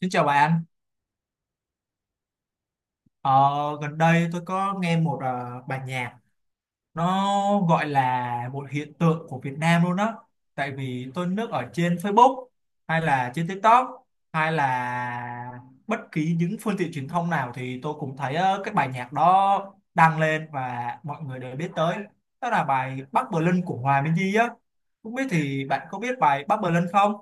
Xin chào bạn, ờ, gần đây tôi có nghe một bài nhạc nó gọi là một hiện tượng của Việt Nam luôn đó, tại vì tôi lướt ở trên Facebook hay là trên TikTok hay là bất kỳ những phương tiện truyền thông nào thì tôi cũng thấy cái bài nhạc đó đăng lên và mọi người đều biết tới. Đó là bài Bắc Berlin của Hòa Minzy á. Không biết thì bạn có biết bài Bắc Berlin không?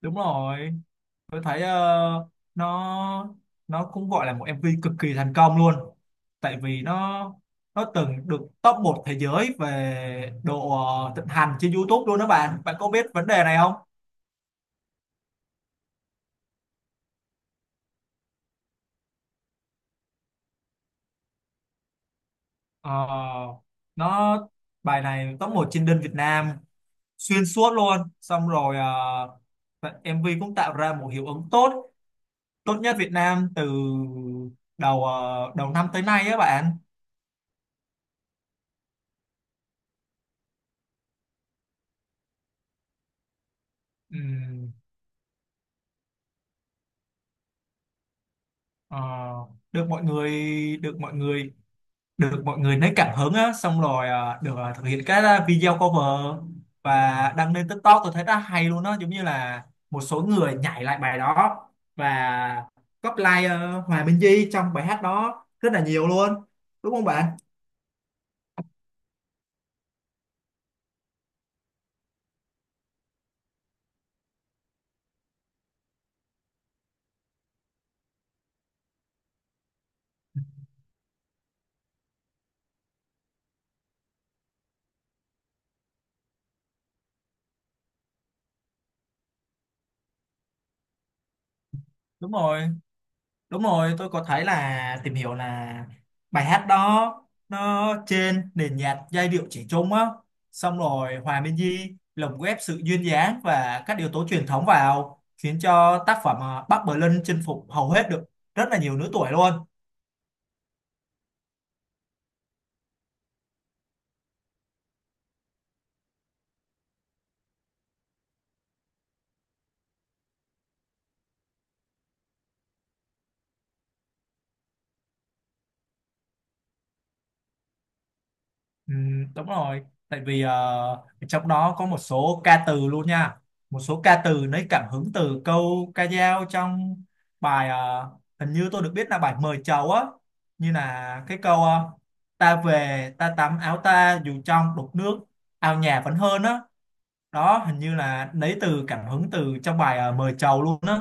Đúng rồi, tôi thấy nó nó cũng gọi là một MV cực kỳ thành công luôn, tại vì nó từng được top 1 thế giới về độ thịnh hành trên YouTube luôn đó bạn. Bạn có biết vấn đề này không? Ờ, nó Bài này top 1 trên đơn Việt Nam xuyên suốt luôn. Xong rồi MV cũng tạo ra một hiệu ứng tốt, tốt nhất Việt Nam từ đầu năm tới nay á bạn. Ừm. ờ, được mọi người được mọi người được mọi người lấy cảm hứng á, xong rồi à, được à, thực hiện các à, video cover và đăng lên TikTok. Tôi thấy rất hay luôn đó, giống như là một số người nhảy lại bài đó và copy like Hòa Minh Di trong bài hát đó rất là nhiều luôn, đúng không bạn? Đúng rồi. Đúng rồi, tôi có thấy là tìm hiểu là bài hát đó nó trên nền nhạc giai điệu trẻ trung á, xong rồi Hòa Minzy lồng ghép sự duyên dáng và các yếu tố truyền thống vào khiến cho tác phẩm à, Bắc Berlin chinh phục hầu hết được rất là nhiều lứa tuổi luôn. Ừ, đúng rồi, tại vì trong đó có một số ca từ luôn nha, một số ca từ lấy cảm hứng từ câu ca dao trong bài hình như tôi được biết là bài mời chầu á, như là cái câu ta về ta tắm áo ta dù trong đục nước ao nhà vẫn hơn á. Đó, hình như là lấy từ cảm hứng từ trong bài mời chầu luôn á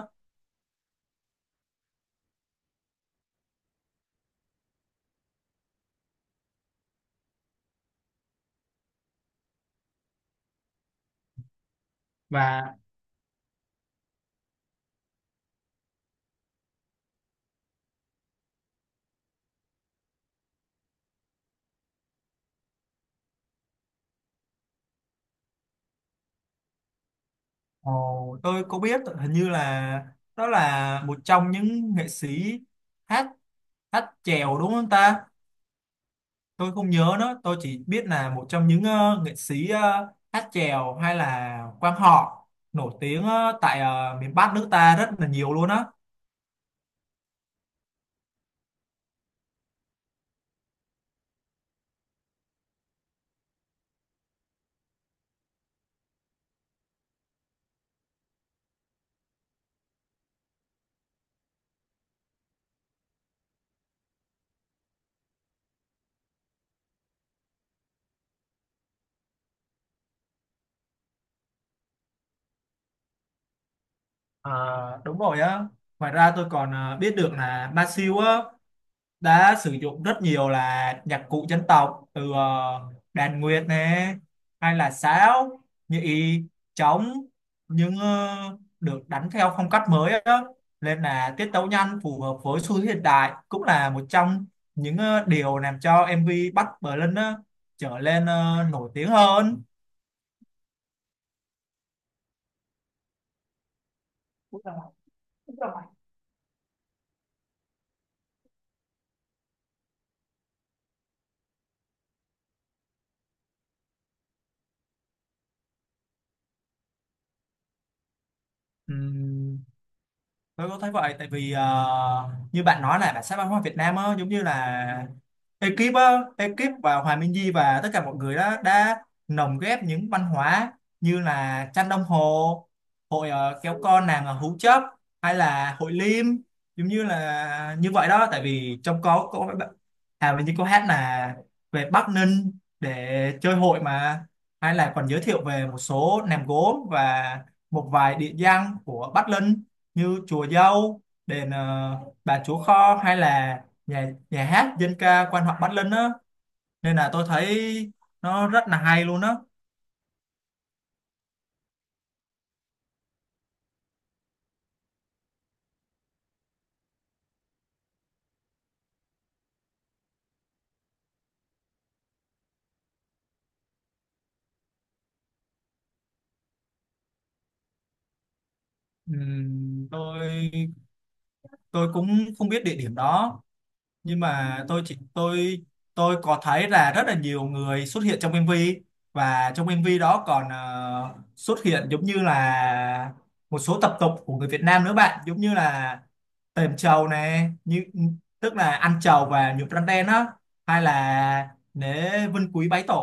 và Ồ, tôi có biết, hình như là đó là một trong những nghệ sĩ hát hát chèo đúng không ta? Tôi không nhớ nữa, tôi chỉ biết là một trong những nghệ sĩ hát chèo hay là quan họ nổi tiếng tại miền Bắc nước ta rất là nhiều luôn á. À, đúng rồi á. Ngoài ra tôi còn biết được là Ba Siêu á đã sử dụng rất nhiều là nhạc cụ dân tộc, từ đàn nguyệt nè, hay là sáo, nhị, trống, nhưng được đánh theo phong cách mới á, nên là tiết tấu nhanh phù hợp với xu thế hiện đại, cũng là một trong những điều làm cho MV Bắc Bling á trở lên nổi tiếng hơn. Ừm, tôi có thấy vậy, tại vì như bạn nói là bản sắc văn hóa Việt Nam á, giống như là ekip và Hòa Minh Di và tất cả mọi người đó đã lồng ghép những văn hóa như là tranh đồng hồ, hội kéo con nàng ở Hú Chấp hay là hội Liêm, giống như là như vậy đó. Tại vì trong có à, mình như có hát là về Bắc Ninh để chơi hội mà, hay là còn giới thiệu về một số nèm gốm và một vài địa danh của Bắc Ninh như chùa Dâu, đền Bà Chúa Kho, hay là nhà nhà hát dân ca quan họ Bắc Ninh á, nên là tôi thấy nó rất là hay luôn á. Ừm, tôi tôi cũng không biết địa điểm đó, nhưng mà tôi chỉ tôi có thấy là rất là nhiều người xuất hiện trong MV, và trong MV đó còn xuất hiện giống như là một số tập tục của người Việt Nam nữa bạn, giống như là tềm trầu này, như tức là ăn trầu và nhuộm răng đen á, hay là lễ vinh quý bái tổ.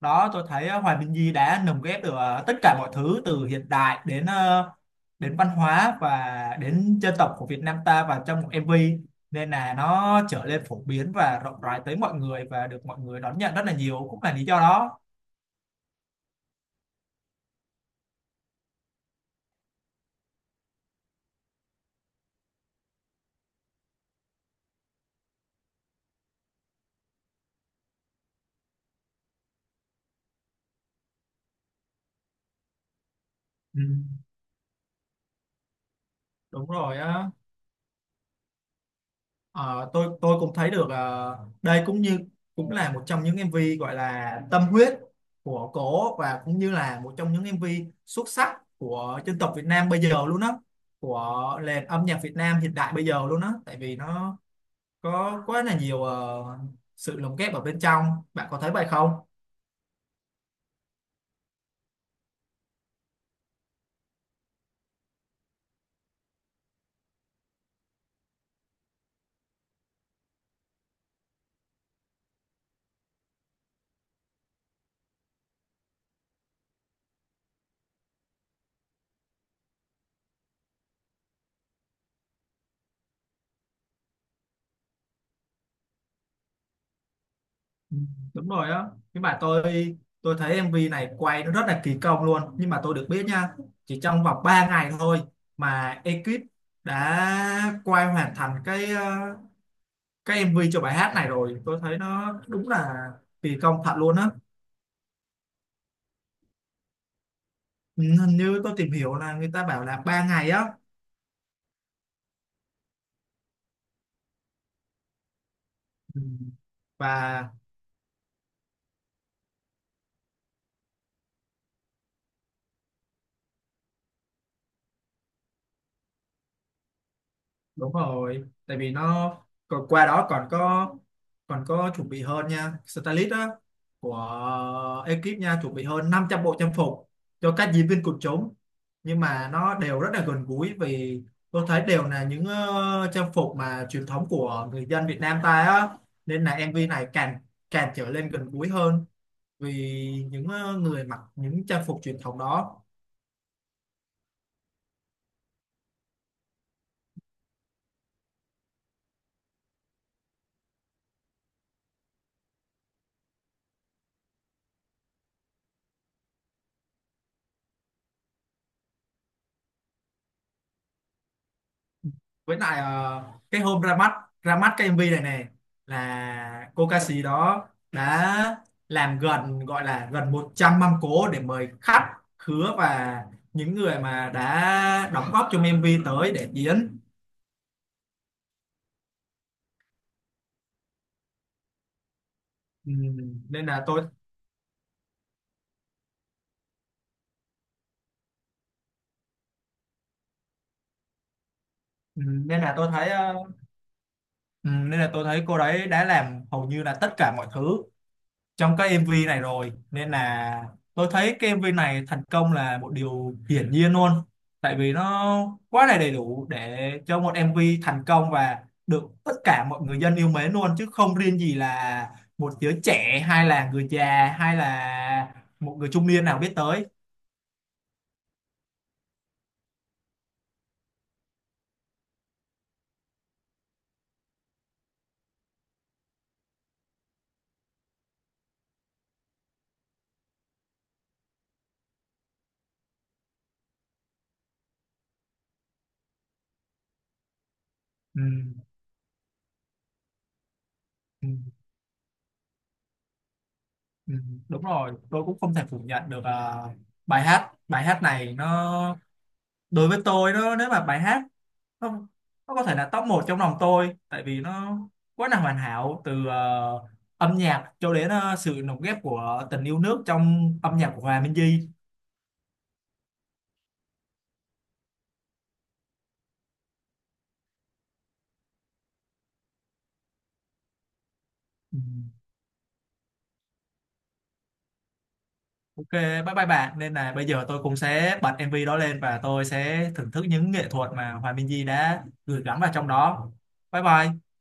Đó, tôi thấy Hoài Minh Di đã lồng ghép được tất cả mọi thứ từ hiện đại đến văn hóa và đến dân tộc của Việt Nam ta vào trong một MV, nên là nó trở nên phổ biến và rộng rãi tới mọi người và được mọi người đón nhận rất là nhiều, cũng là lý do đó. Ừ, đúng rồi á. Ờ, tôi cũng thấy được đây cũng là một trong những em MV gọi là tâm huyết của cổ, và cũng như là một trong những em MV xuất sắc của dân tộc Việt Nam bây giờ luôn á, của nền âm nhạc Việt Nam hiện đại bây giờ luôn á, tại vì nó có quá là nhiều sự lồng ghép ở bên trong. Bạn có thấy vậy không? Ừ, đúng rồi đó, nhưng mà tôi thấy MV này quay nó rất là kỳ công luôn, nhưng mà tôi được biết nha, chỉ trong vòng 3 ngày thôi mà ekip đã quay hoàn thành cái MV cho bài hát này rồi, tôi thấy nó đúng là kỳ công thật luôn á. Ừ, hình như tôi tìm hiểu là người ta bảo là 3 ngày á. Ừ, và đúng rồi, tại vì nó còn qua đó còn có chuẩn bị hơn nha, stylist á, của ekip nha, chuẩn bị hơn 500 bộ trang phục cho các diễn viên quần chúng, nhưng mà nó đều rất là gần gũi, vì tôi thấy đều là những trang phục mà truyền thống của người dân Việt Nam ta á, nên là MV này càng càng trở lên gần gũi hơn, vì những người mặc những trang phục truyền thống đó. Với lại cái hôm ra mắt, cái MV này này là cô ca sĩ đó đã làm gần, gọi là gần 100 mâm cỗ để mời khách khứa và những người mà đã đóng góp trong MV tới để diễn. Ừ, nên là tôi ừ, nên là tôi thấy ờ, Ừ, nên là tôi thấy cô đấy đã làm hầu như là tất cả mọi thứ trong cái MV này rồi, nên là tôi thấy cái MV này thành công là một điều hiển nhiên luôn, tại vì nó quá là đầy đủ để cho một MV thành công và được tất cả mọi người dân yêu mến luôn, chứ không riêng gì là một đứa trẻ hay là người già hay là một người trung niên nào biết tới. Ừ, ừ, ừ, đúng rồi, tôi cũng không thể phủ nhận được bài hát này, nó đối với tôi nó nếu mà bài hát không nó có thể là top 1 trong lòng tôi, tại vì nó quá là hoàn hảo, từ âm nhạc cho đến sự lồng ghép của tình yêu nước trong âm nhạc của Hòa Minh Di. Ừ. OK, bye bye bạn, nên là bây giờ tôi cũng sẽ bật MV đó lên và tôi sẽ thưởng thức những nghệ thuật mà Hòa Minh Di đã gửi gắm vào trong đó. Bye bye.